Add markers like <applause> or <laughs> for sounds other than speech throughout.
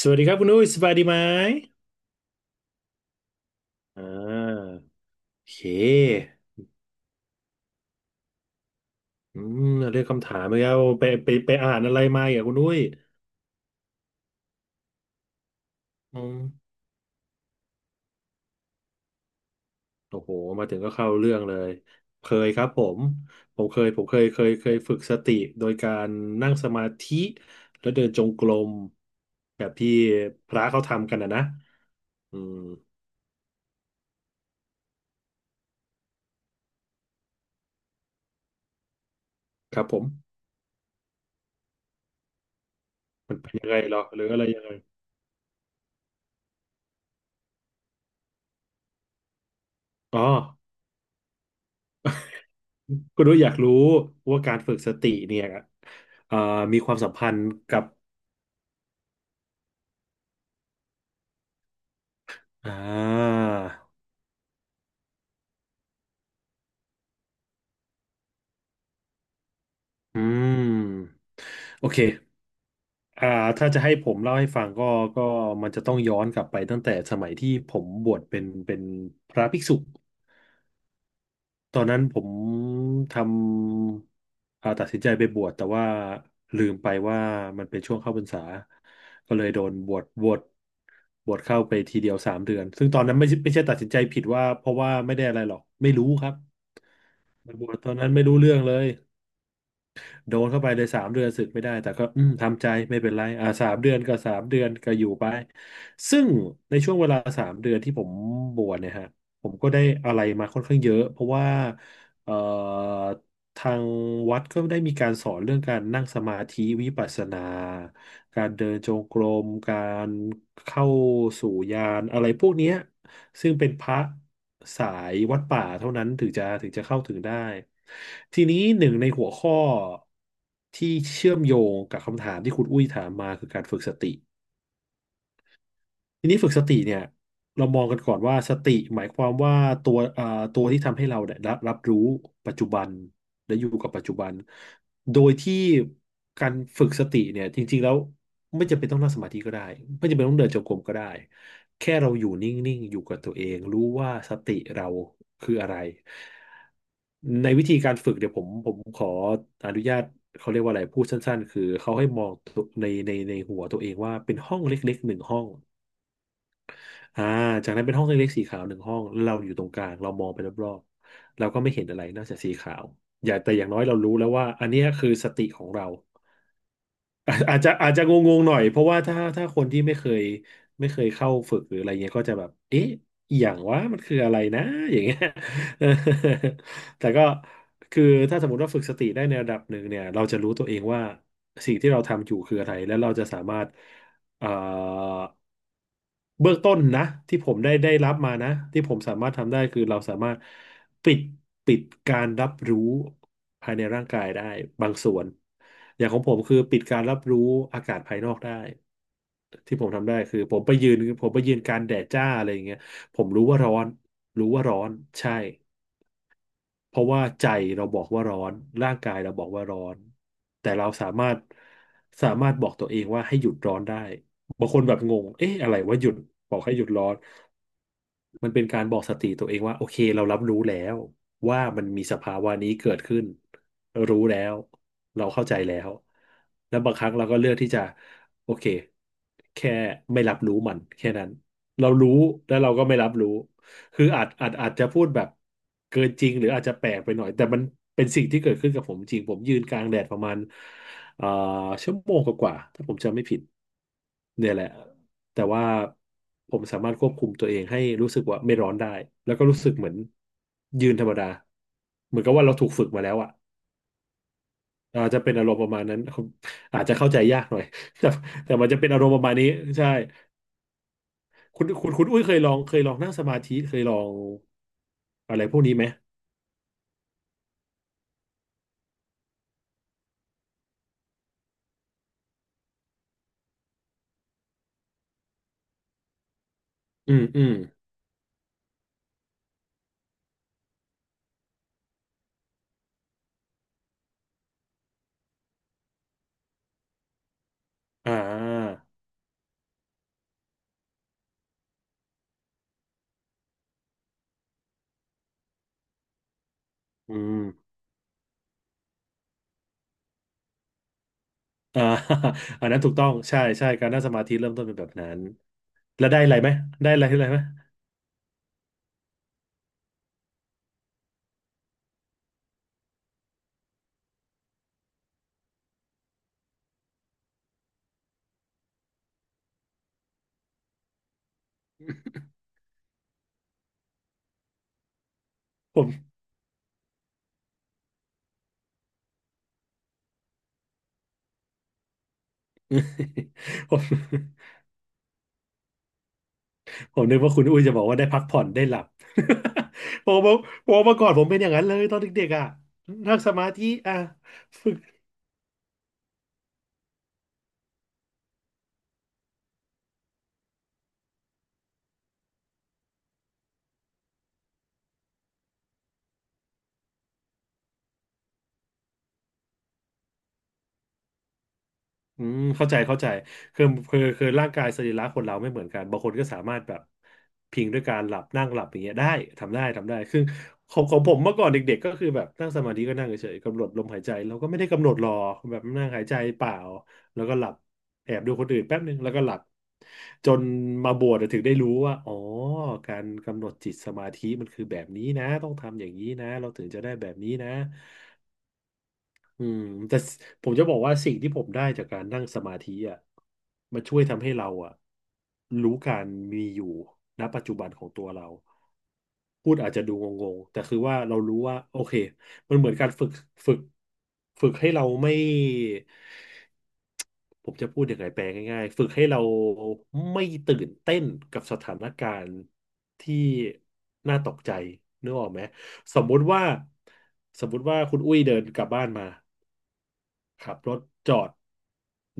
สวัสดีครับคุณอุ้ยสบายดีไหมอ่าโอเคอืมเรื่องคำถามไปแล้วไปอ่านอะไรมาอ่ะคุณอุ้ยอืมโอ้โหมาถึงก็เข้าเรื่องเลยเคยครับผมผมเคยฝึกสติโดยการนั่งสมาธิแล้วเดินจงกรมแบบที่พระเขาทำกันนะอืมครับผมมันเป็นยังไงเหรอหรืออะไรยังไงอ๋อคุณอุ้ยอยากรู้ว่าการฝึกสติเนี่ยเอ่อมีความสัมพันธ์กับ อ่าอืมโอเคอ่าถ้าจะให้ผมเล่าให้ฟังก็มันจะต้องย้อนกลับไปตั้งแต่สมัยที่ผมบวชเป็นพระภิกษุ ตอนนั้นผมทำอ่าตัดสินใจไปบวชแต่ว่าลืมไปว่ามันเป็นช่วงเข้าพรรษาก็เลยโดนบวชเข้าไปทีเดียวสามเดือนซึ่งตอนนั้นไม่ใช่ตัดสินใจผิดว่าเพราะว่าไม่ได้อะไรหรอก ไม่รู้ครับบวชตอนนั้นไม่รู้เรื่องเลย โดนเข้าไปเลย3 เดือนสึกไม่ได้แต่ก็ทำใจไม่เป็นไรสามเดือนก็อยู่ไปซึ่งในช่วงเวลาสามเดือนที่ผมบวชเนี่ยฮะผมก็ได้อะไรมาค่อนข้างเยอะเพราะว่าเอ่อทางวัดก็ได้มีการสอนเรื่องการนั่งสมาธิวิปัสสนาการเดินจงกรมการเข้าสู่ญาณอะไรพวกเนี้ย ซึ่งเป็นพระสายวัดป่าเท่านั้นถึงจะเข้าถึงได้ทีนี้หนึ่งในหัวข้อที่เชื่อมโยงกับคำถามที่คุณอุ้ยถามมาคือการฝึกสติ ทีนี้ฝึกสติเนี่ยเรามองกันก่อนว่าสติหมายความว่าตัวอ่าตัวที่ทำให้เราเนี่ยรับรู้ปัจจุบันและอยู่กับปัจจุบันโดยที่การฝึกสติเนี่ยจริงๆแล้วไม่จำเป็นต้องนั่งสมาธิก็ได้ไม่จำเป็นต้องเดินจงกรมก็ได้แค่เราอยู่นิ่งๆอยู่กับตัวเองรู้ว่าสติเราคืออะไรในวิธีการฝึกเดี๋ยวผมขออนุญาตเขาเรียกว่าอะไรพูดสั้นๆคือเขาให้มองตัวในหัวตัวเองว่าเป็นห้องเล็กๆหนึ่งห้อง อ่าจากนั้นเป็นห้องเล็กๆสีขาวหนึ่งห้องแล้วเราอยู่ตรงกลางเรามองไปรอบๆเราก็ไม่เห็นอะไรนอกจากสีขาวอย่าแต่อย่างน้อยเรารู้แล้วว่าอันเนี้ยคือสติของเรา <laughs> อาจจะงงๆหน่อยเพราะว่าถ้าคนที่ไม่เคยเข้าฝึกหรืออะไรเงี้ยก็จะแบบเอ๊ะอหย่างว่ามันคืออะไรนะ <laughs> อย่างเงี้ย <laughs> แต่ก็คือถ้าสมมติว่าฝึกสติได้ในระดับหนึ่งเนี่ยเราจะรู้ตัวเองว่าสิ่งที่เราทำอยู่คืออะไรและเราจะสามารถเอ่อ เบื้องต้นนะที่ผมได้รับมานะที่ผมสามารถทำได้คือเราสามารถปิดปิดการรับรู้ภายในร่างกายได้บางส่วนอย่างของผมคือปิดการรับรู้อากาศภายนอกได้ที่ผมทำได้คือผมไปยืนกลางแดดจ้าอะไรอย่างเงี้ยผมรู้ว่าร้อนรู้ว่าร้อนใช่ เพราะว่าใจเราบอกว่าร้อนร่างกายเราบอกว่าร้อน แต่เราสามารถบอกตัวเองว่าให้หยุดร้อนได้บางคนแบบงงเอ๊ะอะไรว่าหยุดบอกให้หยุดร้อน มันเป็นการบอกสติตัวเองว่าโอเคเรารับรู้แล้วว่ามันมีสภาวะนี้เกิดขึ้นรู้แล้วเราเข้าใจแล้วแล้วบางครั้งเราก็เลือกที่จะโอเคแค่ไม่รับรู้มันแค่นั้นเรารู้แล้วเราก็ไม่รับรู้คืออาจจะพูดแบบเกินจริงหรืออาจจะแปลกไปหน่อยแต่มันเป็นสิ่งที่เกิดขึ้นกับผมจริงผมยืนกลางแดดประมาณเอ่อชั่วโมงกว่าๆถ้าผมจำไม่ผิดเนี่ยแหละ แต่ว่าผมสามารถควบคุมตัวเองให้รู้สึกว่าไม่ร้อนได้แล้วก็รู้สึกเหมือนยืนธรรมดาเหมือนกับว่าเราถูกฝึกมาแล้วอ่ะอาจจะเป็นอารมณ์ประมาณนั้นผมอาจจะเข้าใจยากหน่อย <laughs> แต่แต่มันจะเป็นอารมณ์ประมาณนี้ใช่คุณอุ้ยเคยลองนั่งสมาธิเคยลองอะไรพวกนี้ไหมอืมอืมอ่าอืมอ่า <laughs> อันนั้นถูกต้องใช่ใช่การนั่งสมาธิเริ่มต้นเป็นแบบนั้นแล้วได้อะไรไหมได้อะไรอะไรไหมผม <laughs> ผม ผมนึกว่าคุณอุ้ยจะบอกว่าได้พักผ่อนได้หลับ <laughs> ผมบอกผมเมื่อก่อนผมเป็นอย่างนั้นเลยตอนเด็กๆอ่ะนั่งสมาธิอ่ะฝึก อืมเข้าใจเข้าใจคือคือร่างกายสรีระคนเราไม่เหมือนกันบางคนก็สามารถแบบพิงด้วยการหลับนั่งหลับอย่างเงี้ยได้ทำได้ทำได้คือของผมเมื่อก่อนเด็กๆก็คือแบบนั่งสมาธิก็นั่งเฉยๆกำหนดลมหายใจเราก็ไม่ได้กำหนดหรอกแบบนั่งหายใจเปล่าแล้วก็หลับแอบดูคนอื่นแป๊บนึงแล้วก็หลับจนมาบวชถึงได้รู้ว่าอ๋อการกำหนดจิตสมาธิมันคือแบบนี้นะต้องทำอย่างนี้นะเราถึงจะได้แบบนี้นะ อืมแต่ผมจะบอกว่าสิ่งที่ผมได้จากการนั่งสมาธิอ่ะมันช่วยทำให้เราอ่ะรู้การมีอยู่ณปัจจุบันของตัวเราพูดอาจจะดูงงๆแต่คือว่าเรารู้ว่าโอเคมันเหมือนการฝึกฝึกฝึกให้เราไม่ผมจะพูดยังไงแปลง่ายๆฝึกให้เราไม่ตื่นเต้นกับสถานการณ์ที่น่าตกใจนึกออกไหมสมมุติว่าสมมุติว่าคุณอุ้ยเดินกลับบ้านมา ขับรถจอด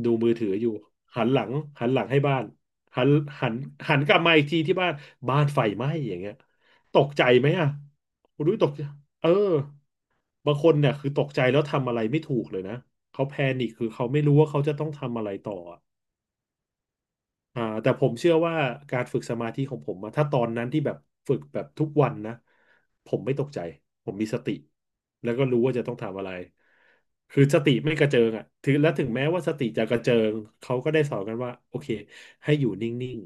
ดูมือถืออยู่หันหลังหันหลังให้บ้านหันหันหันกลับมาอีกทีที่บ้านบ้านไฟไหม้อย่างเงี้ยตกใจไหมอ่ะคุณดุ้ยตกใจเออบางคนเนี่ยคือตกใจแล้วทำอะไรไม่ถูกเลยนะเขาแพนิคคือเขาไม่รู้ว่าเขาจะต้องทำอะไรต่อ อ่าแต่ผมเชื่อว่าการฝึกสมาธิของผมอะถ้าตอนนั้นที่แบบฝึกแบบทุกวันนะผมไม่ตกใจผมมีสติแล้วก็รู้ว่าจะต้องทำอะไรคือสติไม่กระเจิงอ่ะถึงและถึงแม้ว่าสติจะกระเจิงเขาก็ได้สอนกันว่าโอเคให้อยู่นิ่ง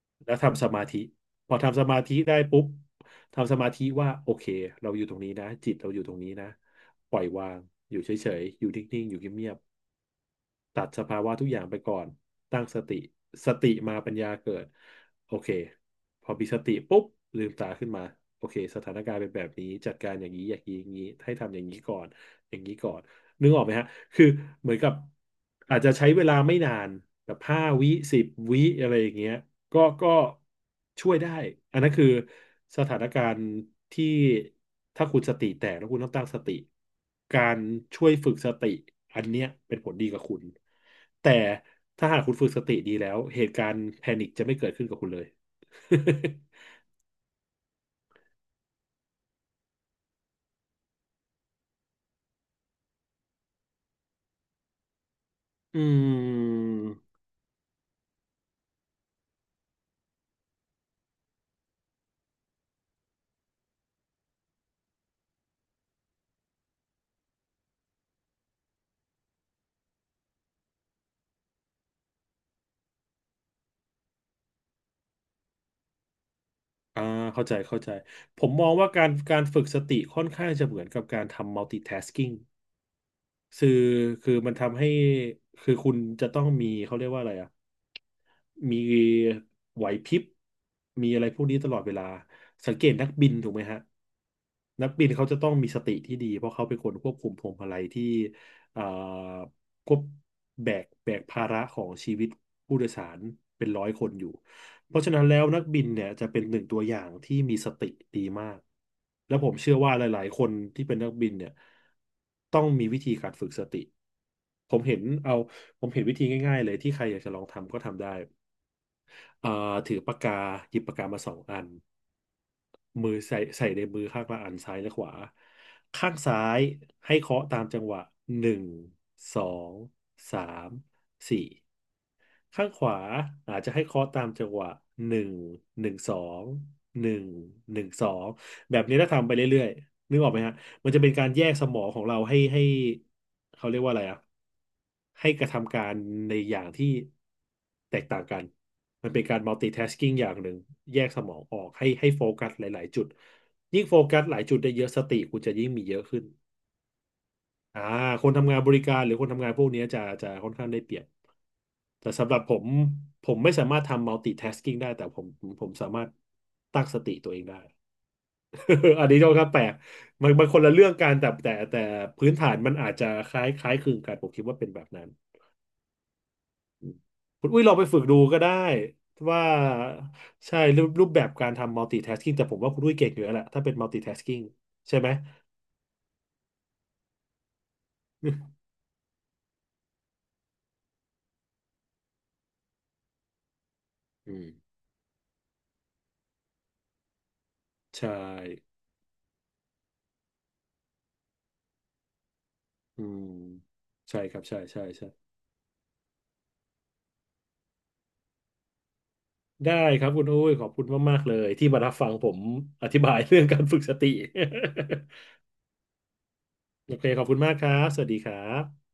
ๆแล้วทำสมาธิพอทำสมาธิได้ปุ๊บทำสมาธิว่าโอเคเราอยู่ตรงนี้นะจิตเราอยู่ตรงนี้นะปล่อยวางอยู่เฉยๆอยู่นิ่งๆอยู่เงียบ ตัดสภาวะทุกอย่างไปก่อนตั้งสติสติมาปัญญาเกิดโอเคพอมีสติปุ๊บลืมตาขึ้นมาโอเคสถานการณ์เป็นแบบนี้จัดการอย่างนี้อย่างนี้อย่างนี้ให้ทำอย่างนี้ก่อนอย่างนี้ก่อนนึกออกไหมฮะ คือเหมือนกับอาจจะใช้เวลาไม่นานแบบห้าวิสิบวิอะไรอย่างเงี้ยก็ช่วยได้อันนั้นคือสถานการณ์ที่ถ้าคุณสติแตกแล้วคุณต้องตั้งสติการช่วยฝึกสติอันเนี้ยเป็นผลดีกับคุณแต่ถ้าหากคุณฝึกสติดีแล้วเหตุการณ์แพนิคจะไม่เกิดขึ้นกับคุณเลย <laughs> อืมอ่าเข้าใจเข้าใจผมมองว่าการฝึกสติค่อนข้างจะเหมือนกับการทำ multitasking คือคือมันทำให้คือคุณจะต้องมีเขาเรียกว่าอะไรอ่ะ มีไหวพริบมีอะไรพวกนี้ตลอดเวลาสังเกตนักบินถูกไหมฮะนักบินเขาจะต้องมีสติที่ดีเพราะเขาเป็นคนควบคุมพวงมาลัยที่เอ่อควบแบกภาระของชีวิตผู้โดยสารเป็นร้อยคนอยู่เพราะฉะนั้นแล้วนักบินเนี่ยจะเป็นหนึ่งตัวอย่างที่มีสติดีมากและผมเชื่อว่าหลายๆคนที่เป็นนักบินเนี่ยต้องมีวิธีการฝึกสติผมเห็นเอาผมเห็นวิธีง่ายๆเลยที่ใครอยากจะลองทำก็ทำได้ เอ่อถือปากกาหยิบปากกามาสองอันมือใส่ในมือข้างละอันซ้ายและขวาข้างซ้ายให้เคาะตามจังหวะหนึ่งสองสามสี่ ข้างขวาอาจจะให้เคาะตามจังหวะหนึ่งหนึ่งสองหนึ่งหนึ่งสองแบบนี้ถ้าทำไปเรื่อยๆนึกออกไหมฮะมันจะเป็นการแยกสมองของเราให้เขาเรียกว่าอะไรอะให้กระทำการในอย่างที่แตกต่างกันมันเป็นการ multitasking อย่างหนึ่งแยกสมองออกให้โฟกัสหลายๆจุดยิ่งโฟกัสหลายจุดได้เยอะสติคุณจะยิ่งมีเยอะขึ้นอ่าคนทำงานบริการหรือคนทำงานพวกนี้จะค่อนข้างได้เปรียบ แต่สำหรับผมผมไม่สามารถทำ multitasking ได้แต่ผมผมสามารถตั้งสติตัวเองได้ <laughs> อันนี้ก็แปลกมันมันคนละเรื่องกันแต่พื้นฐานมันอาจจะคล้ายคล้ายคลึงกันผมคิดว่าเป็นแบบนั้นคุณอุ้ยลองไปฝึกดูก็ได้ว่าใช่รูปแบบการทำ multitasking แต่ผมว่าคุณอุ้ยเก่งอยู่แล้วแหละถ้าเป็น multitasking ใช่ไหม <laughs> อืม <laughs> ใช่อืมใช่ครับใช่ใช่ใช่ ได้ครับคุณอุ้ยขอบคุณมากๆเลยที่มารับฟังผมอธิบาย <laughs> เรื่องการฝึกสติ <laughs> โอเคขอบคุณมากครับสวัสดีครับ